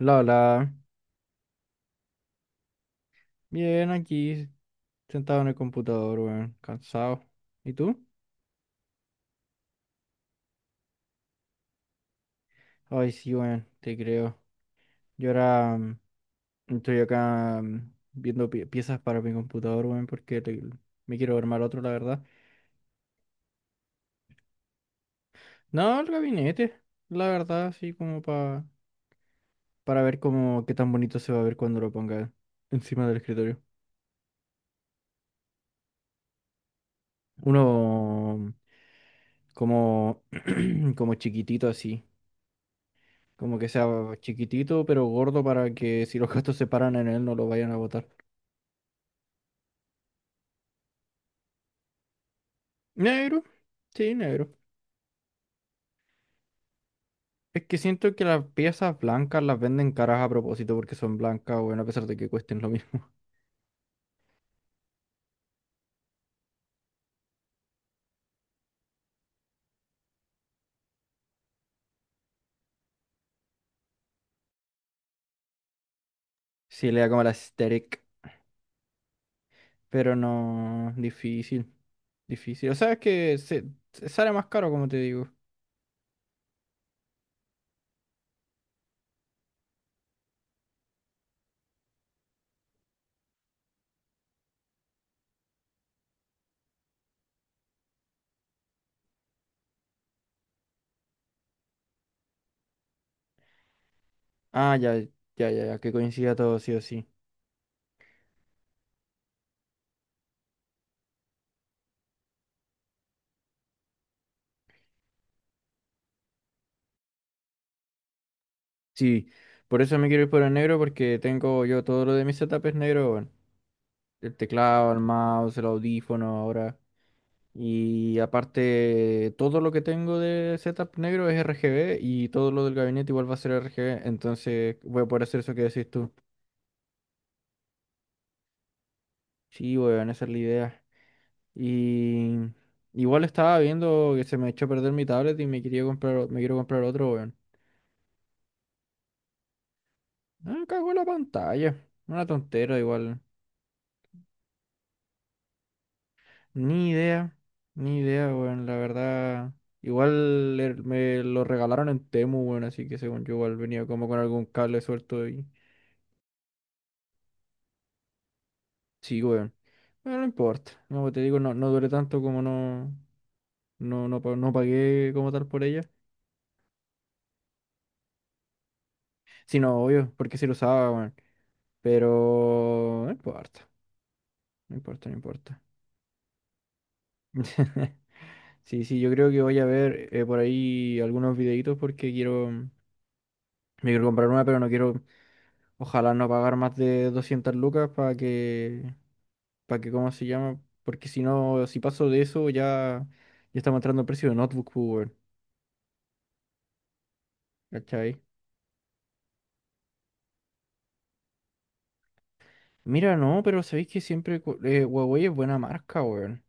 La, la. Bien, aquí, sentado en el computador, weón. Cansado. ¿Y tú? Ay, sí, weón, te creo. Yo ahora, estoy acá, viendo piezas para mi computador, weón, porque me quiero armar otro, la verdad. No, el gabinete, la verdad, sí, como pa, para ver cómo, qué tan bonito se va a ver cuando lo ponga encima del escritorio. Uno, como, como chiquitito así. Como que sea chiquitito pero gordo para que si los gatos se paran en él no lo vayan a botar. Negro, sí, negro. Es que siento que las piezas blancas las venden caras a propósito porque son blancas, bueno, a pesar de que cuesten lo mismo. Sí, le da como la aesthetic, pero no, difícil, difícil. O sea, es que se sale más caro, como te digo. Ah, ya, ya, ya, ya, que coincida todo, sí o sí. Sí, por eso me quiero ir por el negro porque tengo yo, todo lo de mi setup es negro, bueno. El teclado, el mouse, el audífono ahora. Y aparte, todo lo que tengo de setup negro es RGB y todo lo del gabinete igual va a ser RGB. Entonces voy a poder hacer eso que decís tú. Sí, weón, esa es la idea. Y igual estaba viendo que se me echó a perder mi tablet y me quería comprar, me quiero comprar otro, weón. Ah, cago en la pantalla. Una tontera igual. Ni idea, ni idea, weón, la verdad. Igual me lo regalaron en Temu, weón, así que según yo igual venía como con algún cable suelto y... Sí, weón. Bueno, no importa. Como te digo, no, no duré tanto como no, no, no, no pagué como tal por ella. Sí, no, obvio, porque sí lo usaba, weón. Pero no importa, no importa, no importa. Sí, sí, yo creo que voy a ver, por ahí algunos videitos porque quiero... Me quiero comprar una, pero no quiero... Ojalá no pagar más de 200 lucas para que, ¿cómo se llama? Porque si no, si paso de eso, ya, ya estamos entrando al precio de notebook, pues, weón. ¿Cachai? Mira, no, pero sabéis que siempre Huawei es buena marca, weón.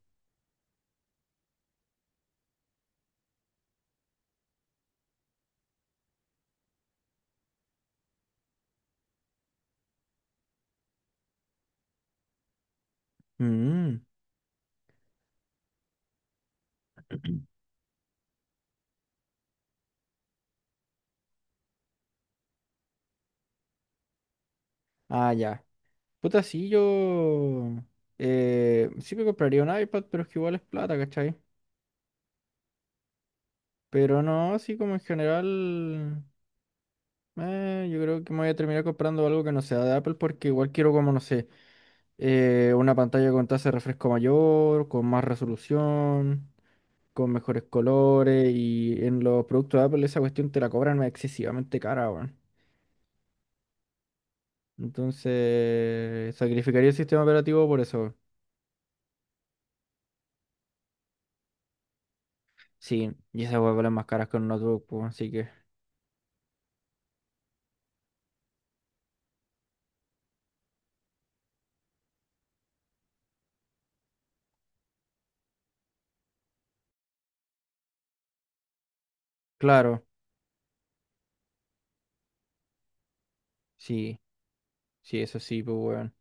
Mm. Ah, ya. Puta, sí, yo. Sí me compraría un iPad, pero es que igual es plata, ¿cachai? Pero no, así como en general. Yo creo que me voy a terminar comprando algo que no sea de Apple, porque igual quiero, como no sé. Una pantalla con tasa de refresco mayor, con más resolución, con mejores colores, y en los productos de Apple esa cuestión te la cobran excesivamente cara, weón. Entonces, sacrificaría el sistema operativo por eso. Weón. Sí, y esas weas valen más caras que un notebook, pues, así que, claro, sí, sí, eso sí, pues, weón.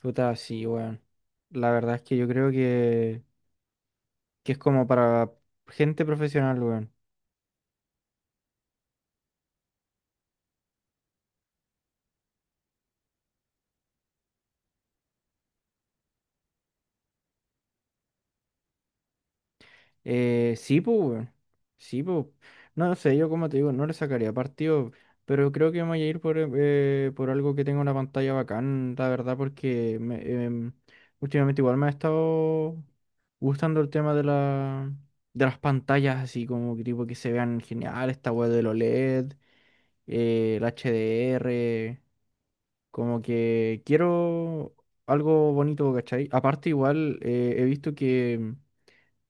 Puta, sí, weón. La verdad es que yo creo que es como para gente profesional, weón. Sí, pues, weón. Sí, pues. No, no sé, yo como te digo, no le sacaría partido, pero creo que me voy a ir por algo que tenga una pantalla bacán, la verdad, porque me, em, últimamente igual me ha estado gustando el tema de la, de las pantallas, así como que tipo que se vean genial, esta web del OLED, el HDR, como que quiero algo bonito, ¿cachai? Aparte igual, he visto que...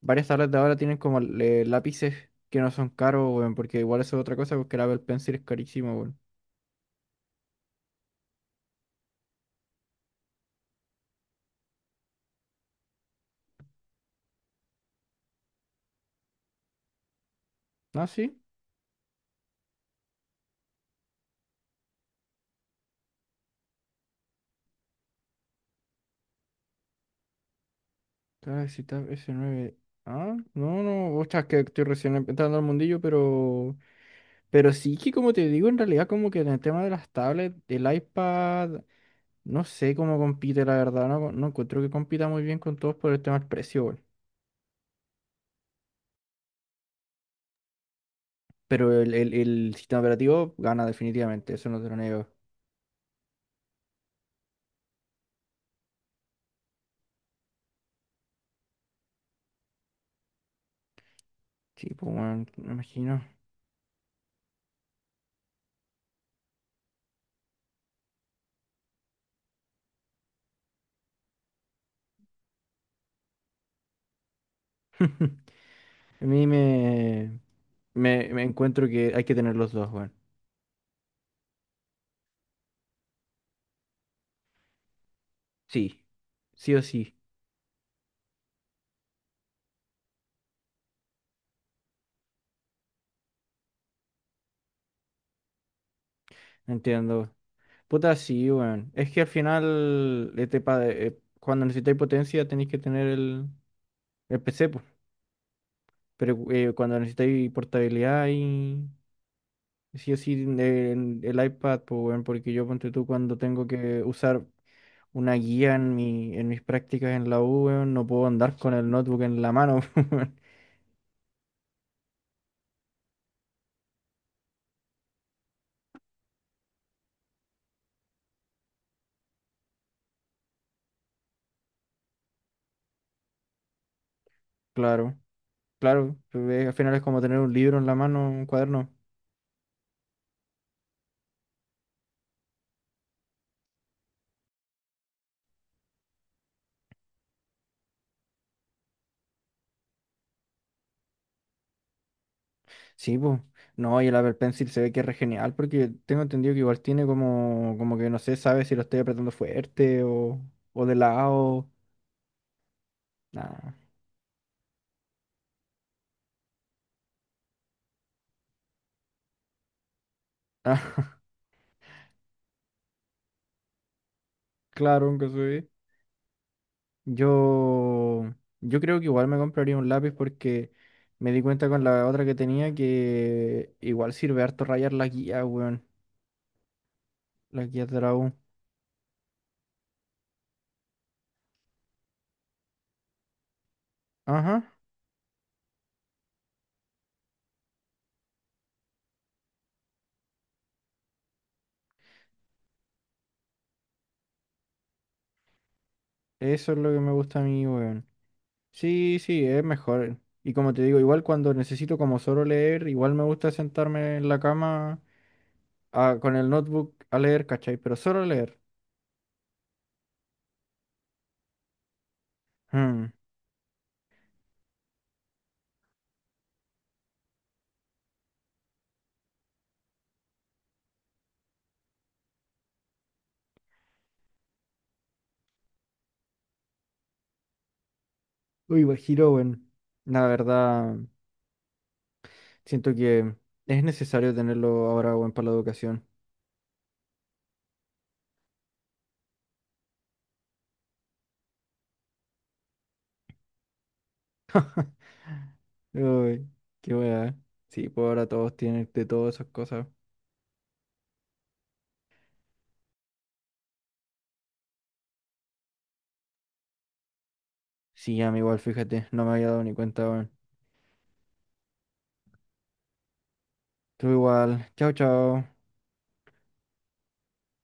Varias tabletas de ahora tienen como, lápices que no son caros, weón, porque igual eso es otra cosa, porque el Apple Pencil es carísimo, weón. Ah, sí. Galaxy Tab s nueve. Ah, no, no, ostras, que estoy recién entrando al mundillo, pero. Pero sí que, como te digo, en realidad, como que en el tema de las tablets, el iPad, no sé cómo compite, la verdad, no, no encuentro que compita muy bien con todos por el tema del precio, weón. Pero el sistema operativo gana definitivamente, eso no te lo niego. Sí, pues, weón, me imagino. A mí me, me, me encuentro que hay que tener los dos, weón. Sí, sí o sí, entiendo. Puta, sí, weón. Es que al final, cuando necesitáis potencia tenéis que tener el PC, pues. Pero, cuando necesitáis portabilidad y sí o sí el iPad, pues, weón, porque yo ponte tú cuando tengo que usar una guía en mi, en mis prácticas en la U, weón, no puedo andar con el notebook en la mano, weón. Claro. Claro, pero, al final es como tener un libro en la mano, un cuaderno. Sí, pues. No, y el Apple Pencil se ve que es re genial porque tengo entendido que igual tiene como, como que no sé, sabe si lo estoy apretando fuerte, o de lado. Nah. Ah, claro, aunque se ve. Yo, yo creo que igual me compraría un lápiz porque me di cuenta con la otra que tenía que igual sirve harto rayar la guía, weón. La guía de la U. Ajá, eso es lo que me gusta a mí, weón. Sí, sí, es mejor. Y como te digo, igual cuando necesito como solo leer, igual me gusta sentarme en la cama con el notebook a leer, ¿cachai? Pero solo leer. Hmm. Uy, Guajiro, weón. La verdad, siento que es necesario tenerlo ahora, weón, para la educación. Uy, qué weá. Sí, pues ahora todos tienen de todas esas cosas. Sí, ya, igual, fíjate, no me había dado ni cuenta, weón. Tú igual. Chao, chao.